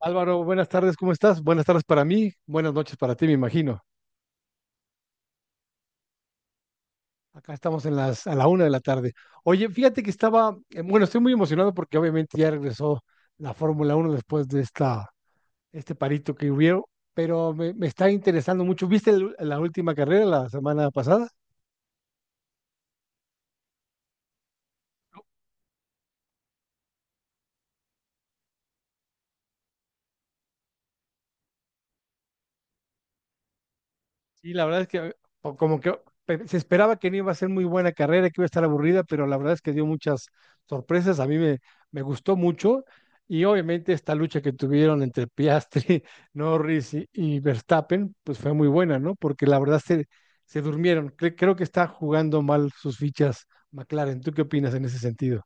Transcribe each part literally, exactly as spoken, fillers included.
Álvaro, buenas tardes, ¿cómo estás? Buenas tardes para mí, buenas noches para ti, me imagino. Acá estamos en las, a la una de la tarde. Oye, fíjate que estaba, eh, bueno, estoy muy emocionado porque obviamente ya regresó la Fórmula Uno después de esta, este parito que hubo, pero me, me está interesando mucho. ¿Viste el- la última carrera la semana pasada? Sí, la verdad es que o como que pe- se esperaba que no iba a ser muy buena carrera, que iba a estar aburrida, pero la verdad es que dio muchas sorpresas. A mí me, me gustó mucho. Y obviamente esta lucha que tuvieron entre Piastri, Norris y, y Verstappen, pues fue muy buena, ¿no? Porque la verdad se, se durmieron. Cre- creo que está jugando mal sus fichas McLaren. ¿Tú qué opinas en ese sentido?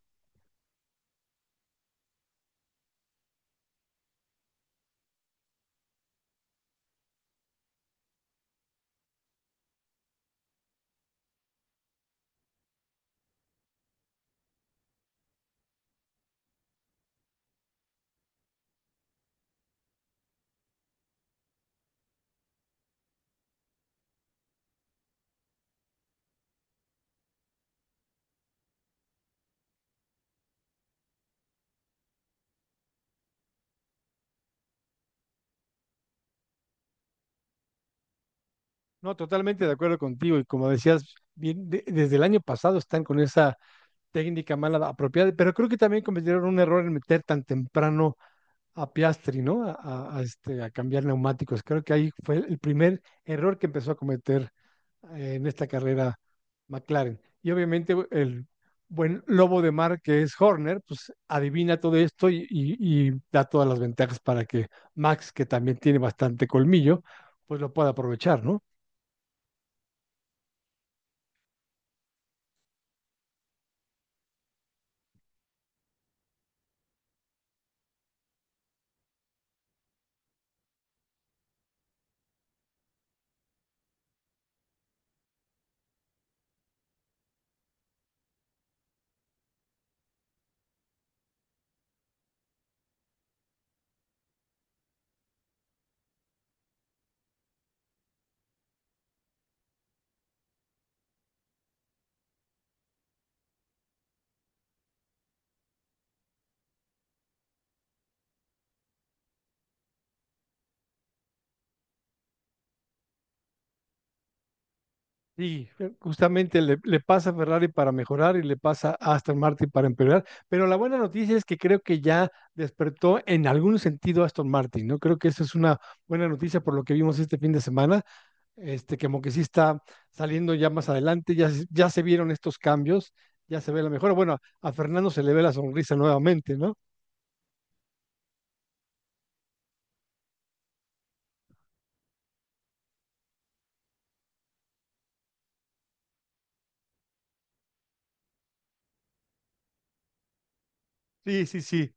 No, totalmente de acuerdo contigo. Y como decías, bien, de- desde el año pasado están con esa técnica mala apropiada, pero creo que también cometieron un error en meter tan temprano a Piastri, ¿no? A, a- a este, a cambiar neumáticos. Creo que ahí fue el primer error que empezó a cometer eh, en esta carrera McLaren. Y obviamente el buen lobo de mar que es Horner, pues adivina todo esto y, y- y da todas las ventajas para que Max, que también tiene bastante colmillo, pues lo pueda aprovechar, ¿no? Sí, eh, justamente le, le pasa a Ferrari para mejorar y le pasa a Aston Martin para empeorar, pero la buena noticia es que creo que ya despertó en algún sentido Aston Martin, ¿no? Creo que eso es una buena noticia por lo que vimos este fin de semana, este, que como que sí está saliendo ya más adelante, ya, se- ya se vieron estos cambios, ya se ve la mejora. Bueno, a Fernando se le ve la sonrisa nuevamente, ¿no? Sí, sí, sí,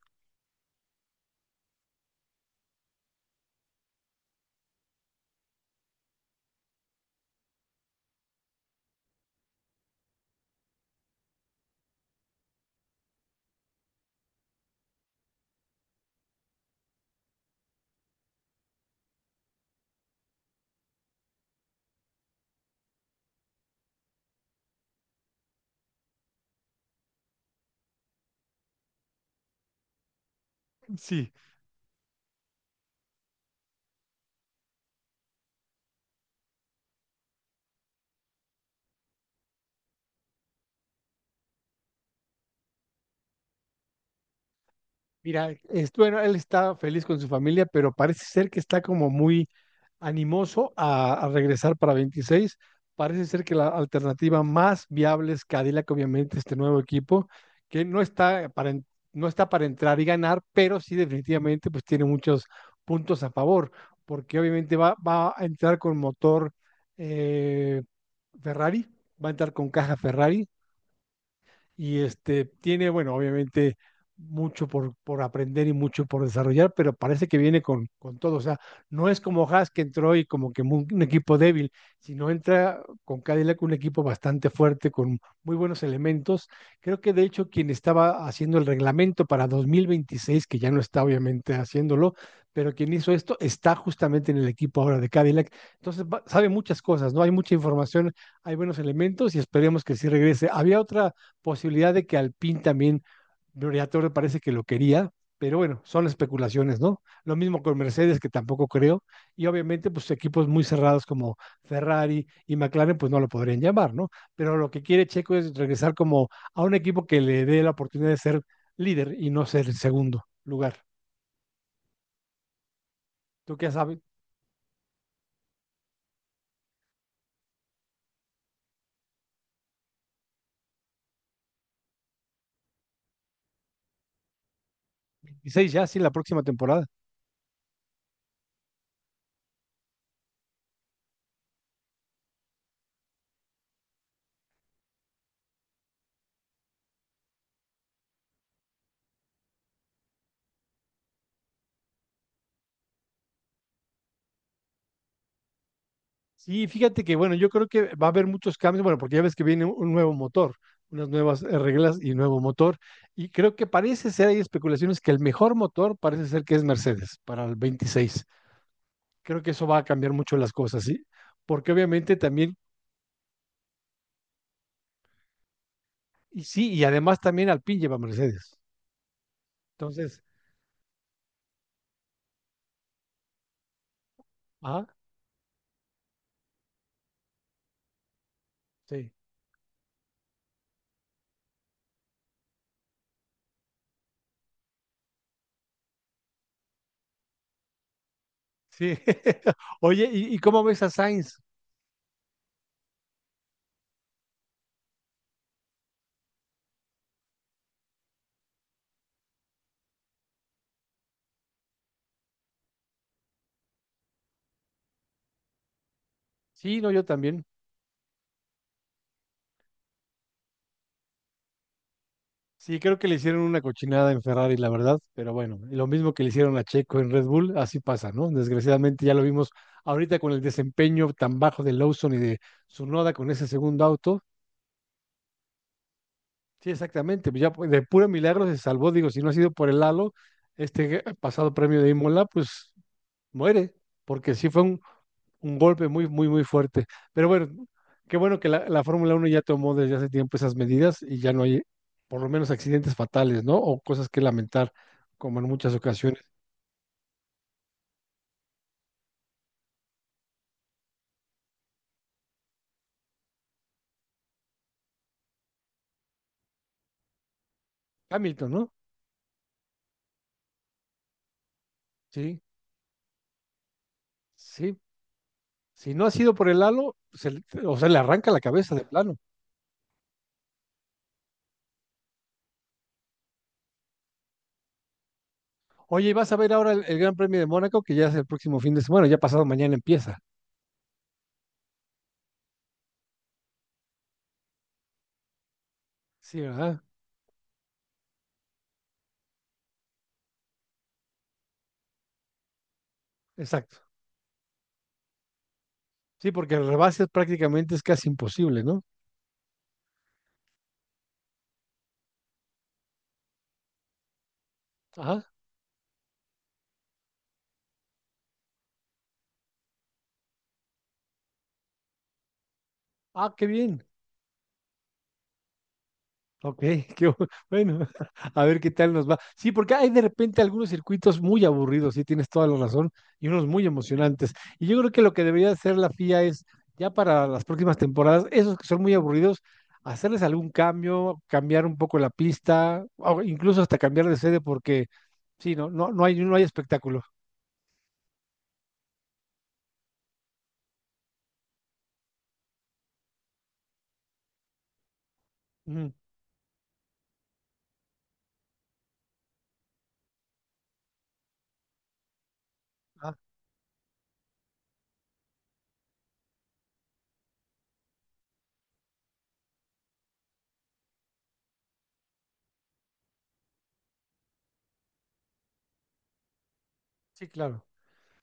sí. Mira, es, bueno, él está feliz con su familia, pero parece ser que está como muy animoso a, a regresar para veintiséis. Parece ser que la alternativa más viable es Cadillac, obviamente, este nuevo equipo, que no está para, no está para entrar y ganar, pero sí definitivamente pues tiene muchos puntos a favor, porque obviamente va, va a entrar con motor eh, Ferrari, va a entrar con caja Ferrari, y este, tiene, bueno, obviamente mucho por, por aprender y mucho por desarrollar, pero parece que viene con, con todo. O sea, no es como Haas que entró y como que mu- un equipo débil, sino entra con Cadillac un equipo bastante fuerte, con muy buenos elementos. Creo que de hecho quien estaba haciendo el reglamento para dos mil veintiséis, que ya no está obviamente haciéndolo, pero quien hizo esto está justamente en el equipo ahora de Cadillac. Entonces va- sabe muchas cosas, ¿no? Hay mucha información, hay buenos elementos y esperemos que sí regrese. Había otra posibilidad de que Alpine también, Gloria Torre parece que lo quería, pero bueno, son especulaciones, ¿no? Lo mismo con Mercedes, que tampoco creo, y obviamente, pues equipos muy cerrados como Ferrari y McLaren, pues no lo podrían llamar, ¿no? Pero lo que quiere Checo es regresar como a un equipo que le dé la oportunidad de ser líder y no ser el segundo lugar. ¿Tú qué sabes? veintiséis ya, sí, la próxima temporada. Sí, fíjate que bueno, yo creo que va a haber muchos cambios, bueno, porque ya ves que viene un un nuevo motor, unas nuevas eh, reglas y nuevo motor, y creo que parece ser, hay especulaciones que el mejor motor parece ser que es Mercedes para el veintiséis. Creo que eso va a cambiar mucho las cosas, ¿sí? Porque obviamente también, y sí, y además también Alpine lleva Mercedes. Entonces, ah, sí, sí. Oye, ¿y, ¿y cómo ves a Sainz? Sí, no, yo también. Sí, creo que le hicieron una cochinada en Ferrari, la verdad, pero bueno, y lo mismo que le hicieron a Checo en Red Bull, así pasa, ¿no? Desgraciadamente ya lo vimos ahorita con el desempeño tan bajo de Lawson y de Tsunoda con ese segundo auto. Sí, exactamente, pues ya pu- de puro milagro se salvó, digo, si no ha sido por el halo, este pasado premio de Imola, pues muere, porque sí fue un, un golpe muy, muy, muy fuerte. Pero bueno, qué bueno que la, la Fórmula uno ya tomó desde hace tiempo esas medidas y ya no hay, por lo menos, accidentes fatales, ¿no? O cosas que lamentar, como en muchas ocasiones. Hamilton, ¿no? Sí, sí. Si no ha sido por el halo, se le- o sea, le arranca la cabeza de plano. Oye, y vas a ver ahora el, el Gran Premio de Mónaco, que ya es el próximo fin de semana. Bueno, ya pasado mañana empieza. Sí, ¿verdad? Exacto. Sí, porque el rebase prácticamente es casi imposible, ¿no? Ajá. Ah, qué bien. Ok, qué bu- bueno, a ver qué tal nos va. Sí, porque hay de repente algunos circuitos muy aburridos, sí, tienes toda la razón, y unos muy emocionantes. Y yo creo que lo que debería hacer la FIA es, ya para las próximas temporadas, esos que son muy aburridos, hacerles algún cambio, cambiar un poco la pista, o incluso hasta cambiar de sede, porque sí, no, no, no hay, no hay espectáculo. Ujú. Ah, sí, claro.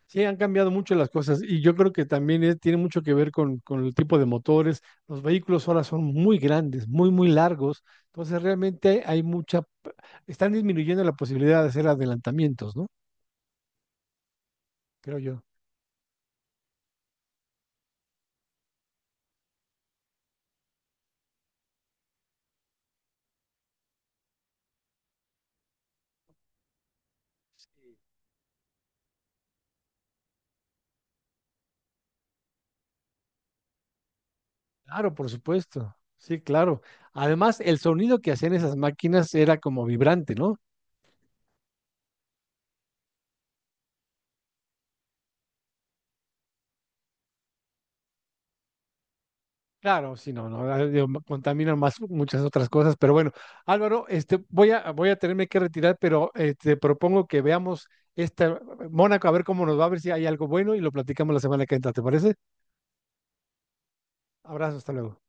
Sí, han cambiado mucho las cosas y yo creo que también eh, tiene mucho que ver con, con el tipo de motores. Los vehículos ahora son muy grandes, muy, muy largos. Entonces realmente hay mucha, p- están disminuyendo la posibilidad de hacer adelantamientos, ¿no? Creo yo. Claro, por supuesto. Sí, claro. Además, el sonido que hacían esas máquinas era como vibrante, ¿no? Claro, sí, no, no, ah, digo, ma- contaminan más muchas otras cosas, pero bueno, Álvaro, este, voy a, voy a tenerme que retirar, pero eh, te propongo que veamos esta Mónaco, a ver cómo nos va, a ver si hay algo bueno y lo platicamos la semana que entra, ¿te parece? Abrazo, hasta luego.